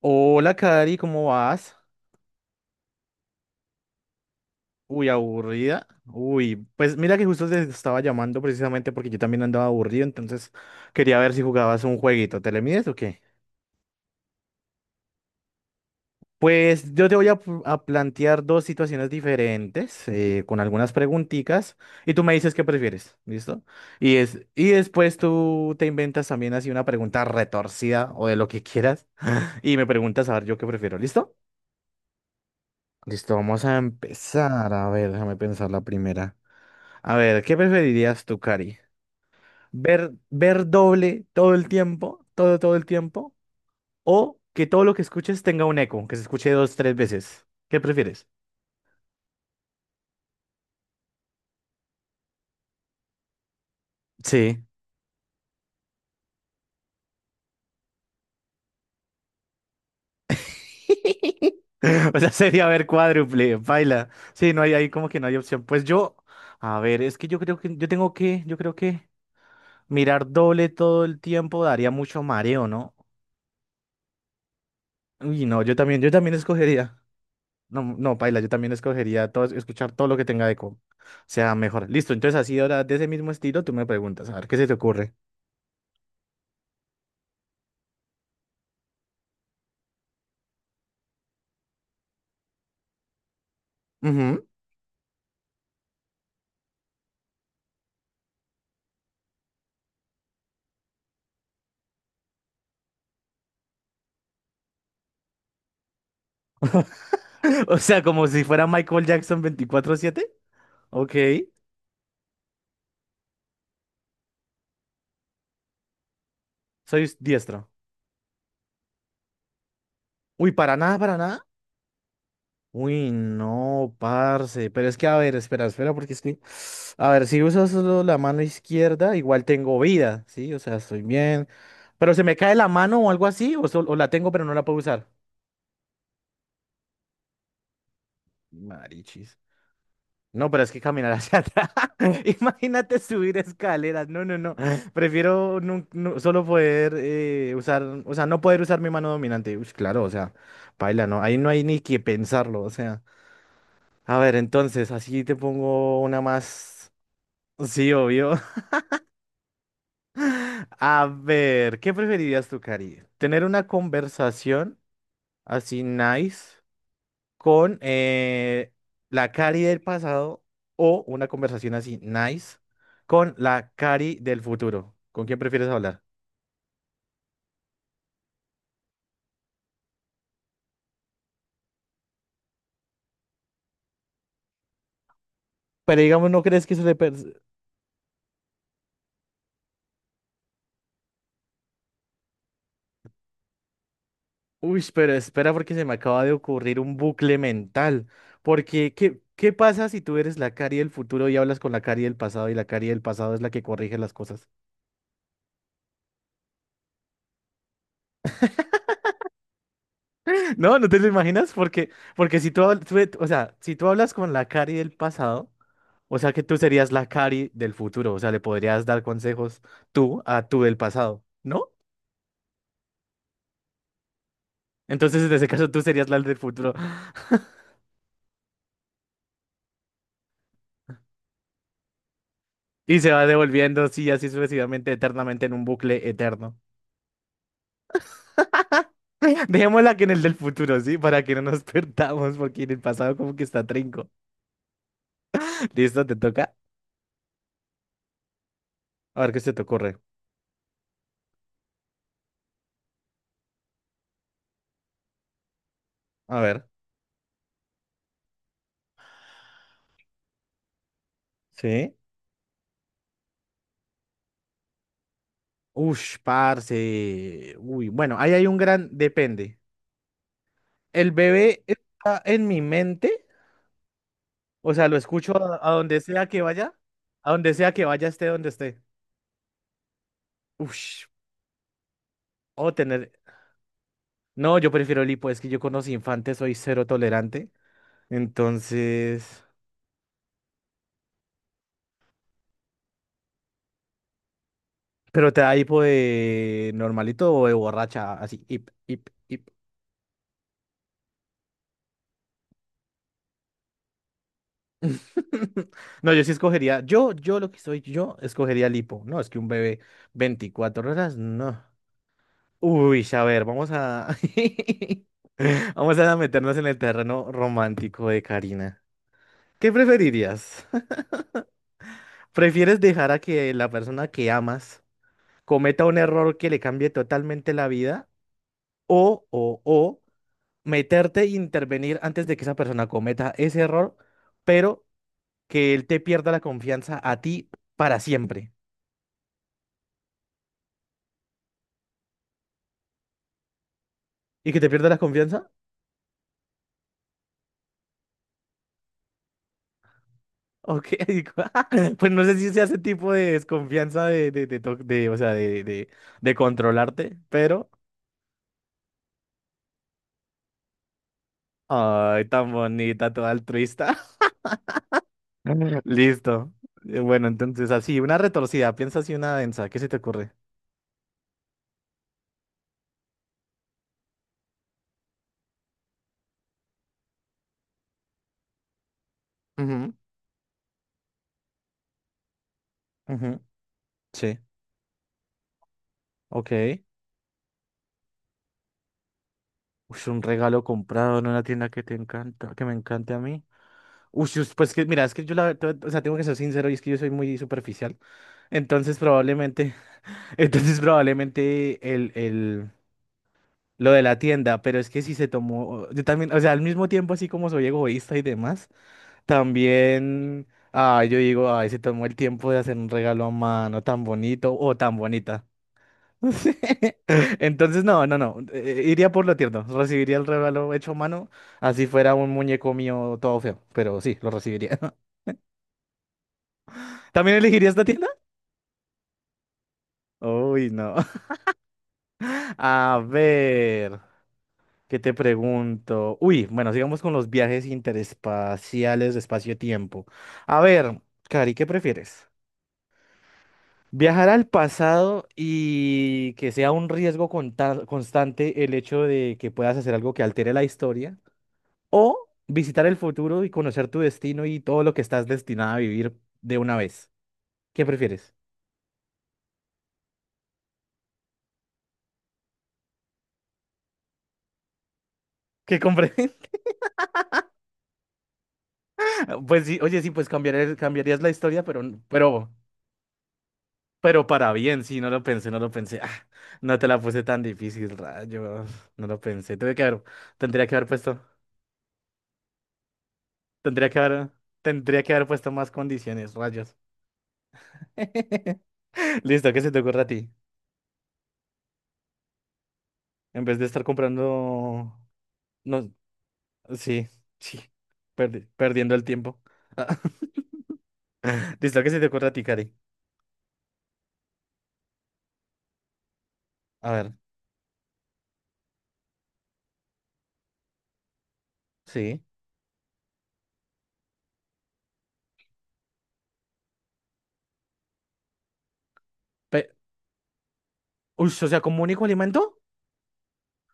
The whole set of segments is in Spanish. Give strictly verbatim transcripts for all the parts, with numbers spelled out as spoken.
Hola, Cari, ¿cómo vas? Uy, aburrida. Uy, pues mira que justo te estaba llamando precisamente porque yo también andaba aburrido, entonces quería ver si jugabas un jueguito. ¿Te le mides o qué? Pues yo te voy a, pl- a plantear dos situaciones diferentes eh, con algunas preguntitas y tú me dices qué prefieres, ¿listo? Y, es, y después tú te inventas también así una pregunta retorcida o de lo que quieras y me preguntas a ver yo qué prefiero, ¿listo? Listo, vamos a empezar. A ver, déjame pensar la primera. A ver, ¿qué preferirías tú, Cari? ¿Ver, ver doble todo el tiempo, todo, todo el tiempo? ¿O que todo lo que escuches tenga un eco, que se escuche dos, tres veces? ¿Qué prefieres? Sí. O sea, sería ver cuádruple, baila. Sí, no hay ahí como que no hay opción. Pues yo, a ver, es que yo creo que yo tengo que, yo creo que mirar doble todo el tiempo daría mucho mareo, ¿no? Uy, no, yo también, yo también escogería. No, no, paila, yo también escogería todo, escuchar todo lo que tenga eco. O sea, mejor. Listo, entonces así ahora de ese mismo estilo tú me preguntas, a ver, ¿qué se te ocurre? Ujú. O sea, como si fuera Michael Jackson veinticuatro siete. Ok, soy diestro. Uy, para nada, para nada. Uy, no, parce. Pero es que, a ver, espera, espera, porque es que, a ver, si uso solo la mano izquierda, igual tengo vida, ¿sí? O sea, estoy bien. Pero se me cae la mano o algo así, o, sol- o la tengo pero no la puedo usar. Marichis. No, pero es que caminar hacia atrás. Imagínate subir escaleras. No, no, no. Prefiero nun- nu- solo poder eh, usar, o sea, no poder usar mi mano dominante. Uy, claro, o sea, paila, no. Ahí no hay ni que pensarlo, o sea. A ver, entonces, así te pongo una más. Sí, obvio. A ver, ¿qué preferirías tú, Cari? ¿Tener una conversación así nice? Con eh, la Cari del pasado o una conversación así, nice, con la Cari del futuro. ¿Con quién prefieres hablar? Pero digamos, ¿no crees que eso le... pers-? Uy, pero espera porque se me acaba de ocurrir un bucle mental. Porque, ¿qué, qué pasa si tú eres la Cari del futuro y hablas con la Cari del pasado y la Cari del pasado es la que corrige las cosas? No, ¿no te lo imaginas? Porque, porque si tú, habl- tú- e-, o sea, si tú hablas con la Cari del pasado... O sea que tú serías la Cari del futuro, o sea, le podrías dar consejos tú a tú del pasado, ¿no? Entonces, en ese caso, tú serías la del futuro y se va devolviendo así, así sucesivamente, eternamente en un bucle eterno. Dejémosla que en el del futuro, ¿sí? Para que no nos perdamos, porque en el pasado como que está trinco. ¿Listo? ¿Te toca? A ver qué se te ocurre. A ver. ¿Sí? Ush, parce. Uy, bueno, ahí hay un gran depende. El bebé está en mi mente. O sea, lo escucho a, a donde sea que vaya, a donde sea que vaya, esté donde esté. Ush, o tener. No, yo prefiero el hipo, es que yo con los infantes soy cero tolerante. Entonces. Pero te da hipo de normalito o de borracha, así, hip, hip, hip. No, yo sí escogería. Yo, yo lo que soy, yo escogería el hipo. No, es que un bebé veinticuatro horas, no. Uy, a ver, vamos a. Vamos a meternos en el terreno romántico de Karina. ¿Qué preferirías? ¿Prefieres dejar a que la persona que amas cometa un error que le cambie totalmente la vida? O, o, o meterte e intervenir antes de que esa persona cometa ese error, pero que él te pierda la confianza a ti para siempre. ¿Y que te pierda la confianza? Ok, pues no sé si sea ese tipo de desconfianza de, de, de, to- de, o sea, de, de, de controlarte, pero... Ay, tan bonita, toda altruista. Listo. Eh, Bueno, entonces así, una retorcida, piensa así una densa, ¿qué se te ocurre? Ujú. Ujú, sí, ok. Ush, un regalo comprado en una tienda que te encanta, que me encante a mí. Ush, ush, pues que mira, es que yo la, te- o sea, tengo que ser sincero y es que yo soy muy superficial. Entonces probablemente, entonces probablemente el, el, lo de la tienda, pero es que si se tomó, yo también, o sea, al mismo tiempo así como soy egoísta y demás. También, ah, yo digo, ay, se tomó el tiempo de hacer un regalo a mano tan bonito o tan bonita. Sí. Entonces, no, no, no, eh, eh, iría por lo tierno, recibiría el regalo hecho a mano, así fuera un muñeco mío todo feo, pero sí, lo recibiría. ¿También elegiría esta tienda? Uy, no. A ver, ¿qué te pregunto? Uy, bueno, sigamos con los viajes interespaciales de espacio-tiempo. A ver, Cari, ¿qué prefieres? Viajar al pasado y que sea un riesgo conta- constante el hecho de que puedas hacer algo que altere la historia, o visitar el futuro y conocer tu destino y todo lo que estás destinado a vivir de una vez. ¿Qué prefieres? ¿Qué compre? Pues sí, oye, sí, pues cambiar el- cambiarías la historia, pero, pero, pero para bien, sí, no lo pensé, no lo pensé. Ah, no te la puse tan difícil, rayos. No lo pensé. Tuve que haber, tendría que haber puesto, tendría que haber, tendría que haber puesto más condiciones, rayos. Listo, ¿qué se te ocurre a ti? En vez de estar comprando... No, sí, sí, perdi- perdiendo el tiempo. Ah, Listo, ¿qué se te ocurre a ti, Cari? A ver, sí. Pe-. Uy, o sea, ¿como único alimento?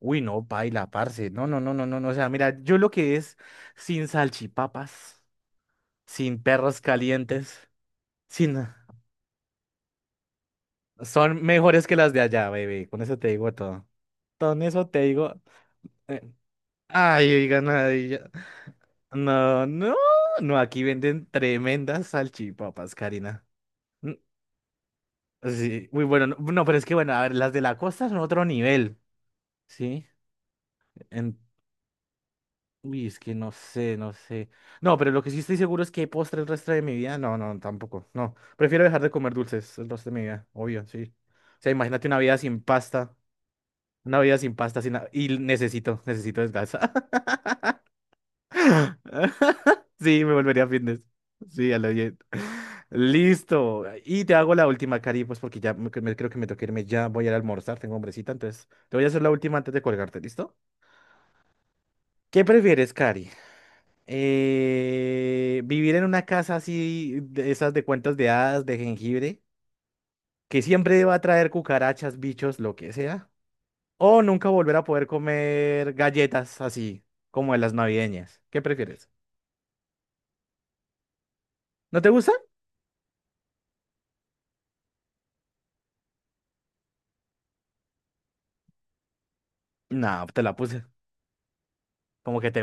Uy, no, paila, parce. No, no, no, no, no, no. O sea, mira, yo lo que es sin salchipapas, sin perros calientes, sin... Son mejores que las de allá, baby. Con eso te digo todo. Con eso te digo... eh, Ay, oigan, No, no, no, aquí venden tremendas salchipapas, Karina. Mm, sí, muy bueno, no, no, pero es que bueno, a ver, las de la costa son otro nivel, ¿sí? En- uy, es que no sé, no sé. No, pero lo que sí estoy seguro es que postre el resto de mi vida, no, no, tampoco, no. Prefiero dejar de comer dulces el resto de mi vida, obvio, sí. O sea, imagínate una vida sin pasta, una vida sin pasta, sin nada, y necesito, necesito descansar. Sí, me volvería fitness. Sí, a lo bien. Listo. Y te hago la última, Cari, pues porque ya me, me- creo que me toca irme ya. Voy a ir a almorzar, tengo hombrecita, entonces te voy a hacer la última antes de colgarte, ¿listo? ¿Qué prefieres, Cari? Eh, ¿vivir en una casa así, de esas de cuentos de hadas, de jengibre, que siempre va a traer cucarachas, bichos, lo que sea? ¿O nunca volver a poder comer galletas así, como de las navideñas? ¿Qué prefieres? ¿No te gusta? No, te la puse. Como que te...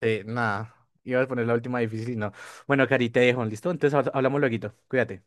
Sí, nada. Iba a poner la última difícil y no. Bueno, Cari, te dejo, ¿listo? Entonces hab- hablamos lueguito. Cuídate.